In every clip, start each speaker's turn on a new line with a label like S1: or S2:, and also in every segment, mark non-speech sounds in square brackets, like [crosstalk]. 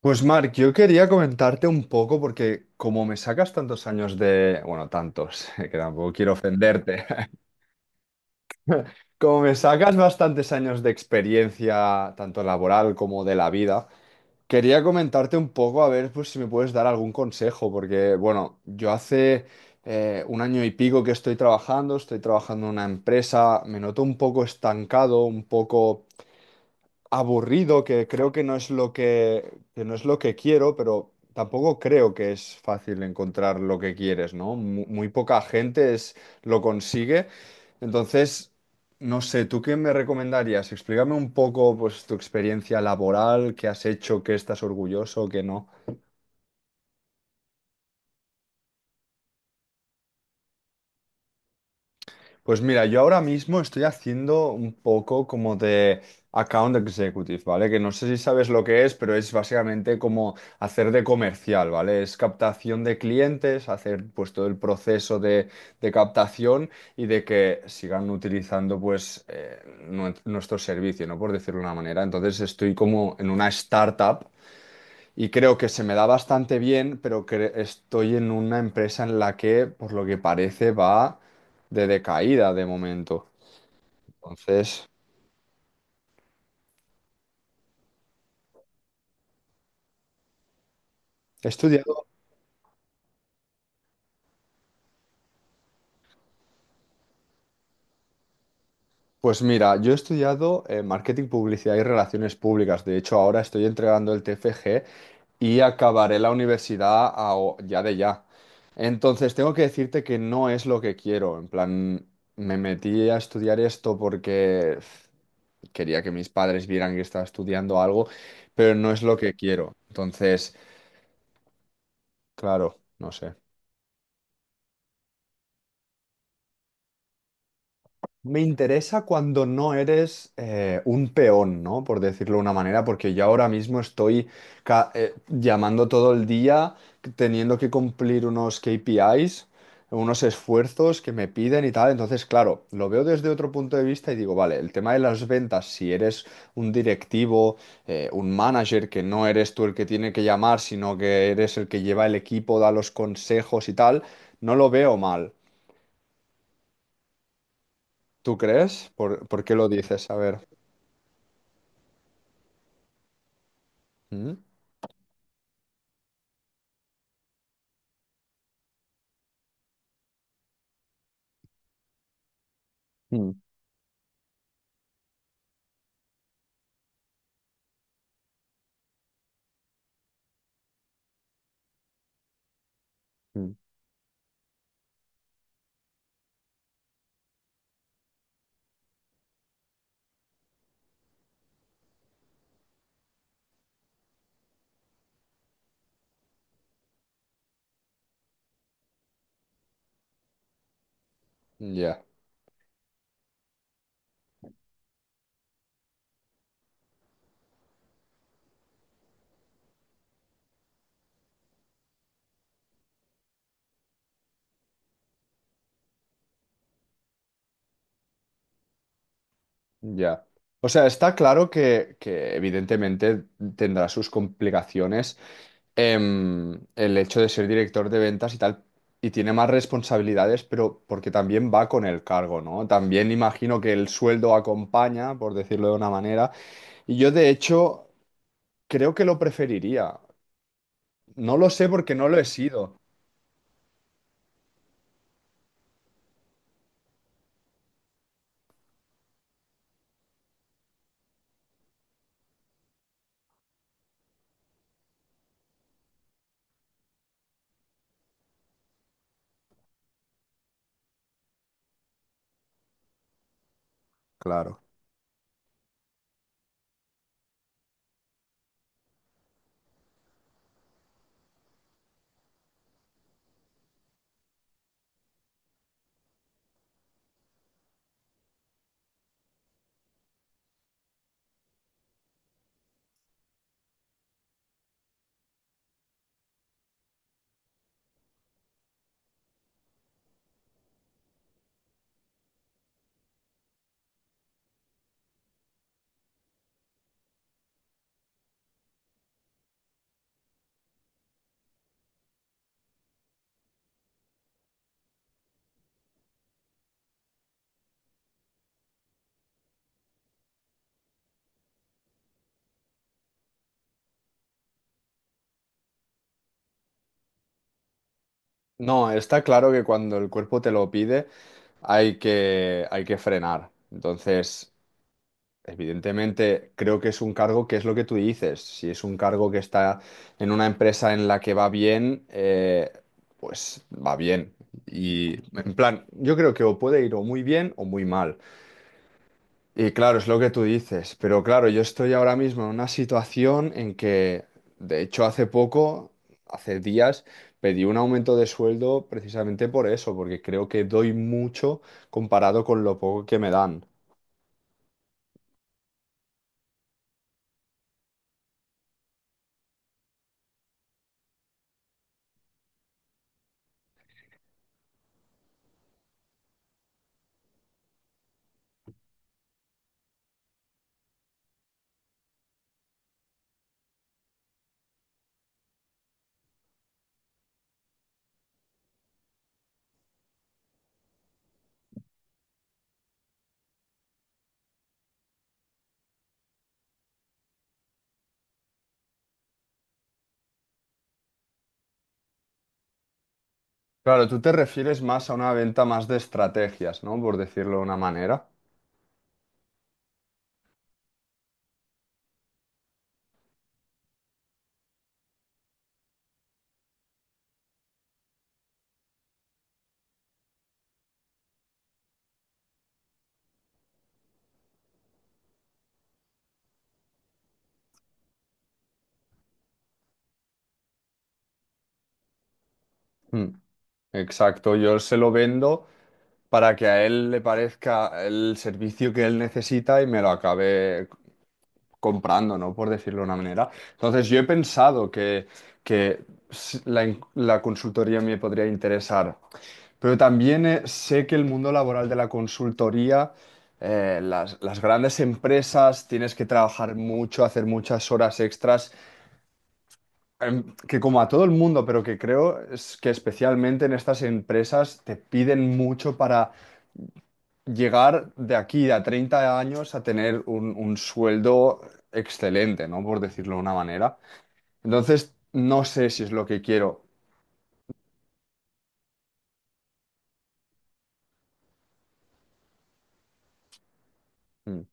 S1: Pues Marc, yo quería comentarte un poco porque como me sacas tantos años de, bueno, tantos, [laughs] que tampoco quiero ofenderte, [laughs] como me sacas bastantes años de experiencia, tanto laboral como de la vida, quería comentarte un poco a ver pues, si me puedes dar algún consejo, porque bueno, yo hace un año y pico que estoy trabajando en una empresa, me noto un poco estancado, un poco aburrido, que creo que no es lo que no es lo que quiero, pero tampoco creo que es fácil encontrar lo que quieres, ¿no? Muy, poca gente es, lo consigue. Entonces, no sé, ¿tú qué me recomendarías? Explícame un poco, pues, tu experiencia laboral, qué has hecho, qué estás orgulloso, qué no. Pues mira, yo ahora mismo estoy haciendo un poco como de account executive, ¿vale? Que no sé si sabes lo que es, pero es básicamente como hacer de comercial, ¿vale? Es captación de clientes, hacer pues todo el proceso de captación y de que sigan utilizando pues nuestro servicio, ¿no? Por decirlo de una manera. Entonces estoy como en una startup. Y creo que se me da bastante bien, pero que estoy en una empresa en la que, por lo que parece, va de decaída de momento. Entonces, he estudiado. Pues mira, yo he estudiado marketing, publicidad y relaciones públicas. De hecho, ahora estoy entregando el TFG y acabaré la universidad ya de ya. Entonces, tengo que decirte que no es lo que quiero. En plan, me metí a estudiar esto porque pf, quería que mis padres vieran que estaba estudiando algo, pero no es lo que quiero. Entonces, claro, no sé. Me interesa cuando no eres un peón, ¿no? Por decirlo de una manera, porque yo ahora mismo estoy llamando todo el día, teniendo que cumplir unos KPIs, unos esfuerzos que me piden y tal. Entonces, claro, lo veo desde otro punto de vista y digo, vale, el tema de las ventas, si eres un directivo, un manager, que no eres tú el que tiene que llamar, sino que eres el que lleva el equipo, da los consejos y tal, no lo veo mal. ¿Tú crees? ¿Por qué lo dices? A ver. Mm, mm, mm. Ya, ya. O sea, está claro que evidentemente tendrá sus complicaciones, el hecho de ser director de ventas y tal, y tiene más responsabilidades, pero porque también va con el cargo, ¿no? También imagino que el sueldo acompaña, por decirlo de una manera, y yo de hecho creo que lo preferiría. No lo sé porque no lo he sido. Claro. No, está claro que cuando el cuerpo te lo pide hay que frenar. Entonces, evidentemente, creo que es un cargo que es lo que tú dices. Si es un cargo que está en una empresa en la que va bien, pues va bien. Y en plan, yo creo que o puede ir o muy bien o muy mal. Y claro, es lo que tú dices, pero claro, yo estoy ahora mismo en una situación en que, de hecho, hace poco, hace días, pedí un aumento de sueldo precisamente por eso, porque creo que doy mucho comparado con lo poco que me dan. Claro, tú te refieres más a una venta más de estrategias, ¿no? Por decirlo de una manera. Mm. Exacto, yo se lo vendo para que a él le parezca el servicio que él necesita y me lo acabe comprando, ¿no? Por decirlo de una manera. Entonces, yo he pensado que, que la consultoría me podría interesar, pero también sé que el mundo laboral de la consultoría, las grandes empresas, tienes que trabajar mucho, hacer muchas horas extras, que como a todo el mundo, pero que creo es que especialmente en estas empresas te piden mucho para llegar de aquí a 30 años a tener un sueldo excelente, ¿no? Por decirlo de una manera. Entonces, no sé si es lo que quiero. Mm.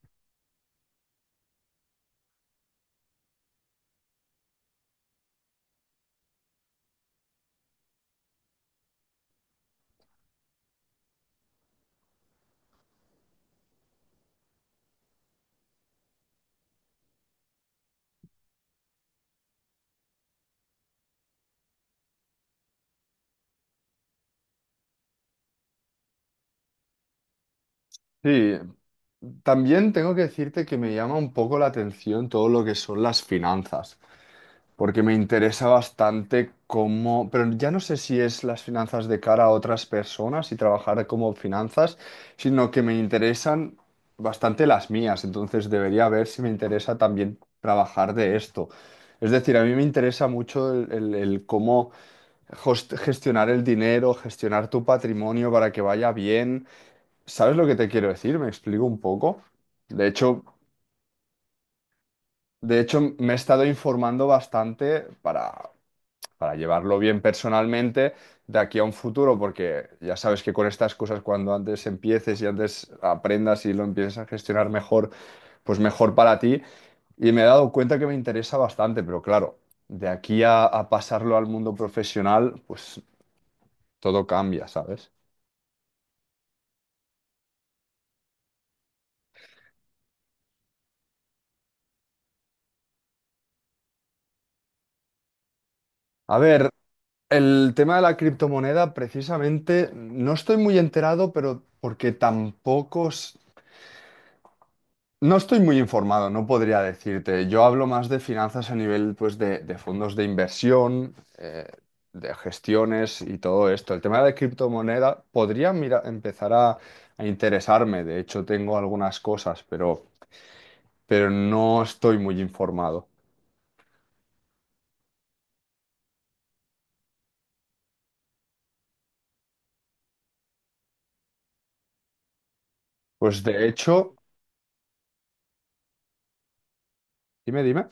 S1: Sí, también tengo que decirte que me llama un poco la atención todo lo que son las finanzas, porque me interesa bastante cómo, pero ya no sé si es las finanzas de cara a otras personas y trabajar como finanzas, sino que me interesan bastante las mías, entonces debería ver si me interesa también trabajar de esto. Es decir, a mí me interesa mucho el cómo gestionar el dinero, gestionar tu patrimonio para que vaya bien. ¿Sabes lo que te quiero decir? Me explico un poco. De hecho, de hecho me he estado informando bastante para llevarlo bien personalmente de aquí a un futuro, porque ya sabes que con estas cosas, cuando antes empieces y antes aprendas y lo empieces a gestionar mejor, pues mejor para ti. Y me he dado cuenta que me interesa bastante, pero claro, de aquí a pasarlo al mundo profesional, pues todo cambia, ¿sabes? A ver, el tema de la criptomoneda, precisamente, no estoy muy enterado, pero porque tampoco... no estoy muy informado, no podría decirte. Yo hablo más de finanzas a nivel, pues, de fondos de inversión, eh, de gestiones y todo esto. El tema de criptomoneda podría mira, empezar a interesarme. De hecho, tengo algunas cosas, pero no estoy muy informado. Pues de hecho, dime, dime.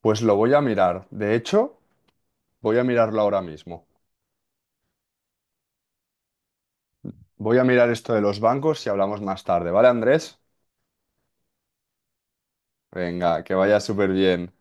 S1: Pues lo voy a mirar. De hecho, voy a mirarlo ahora mismo. Voy a mirar esto de los bancos y hablamos más tarde, ¿vale, Andrés? Venga, que vaya súper bien.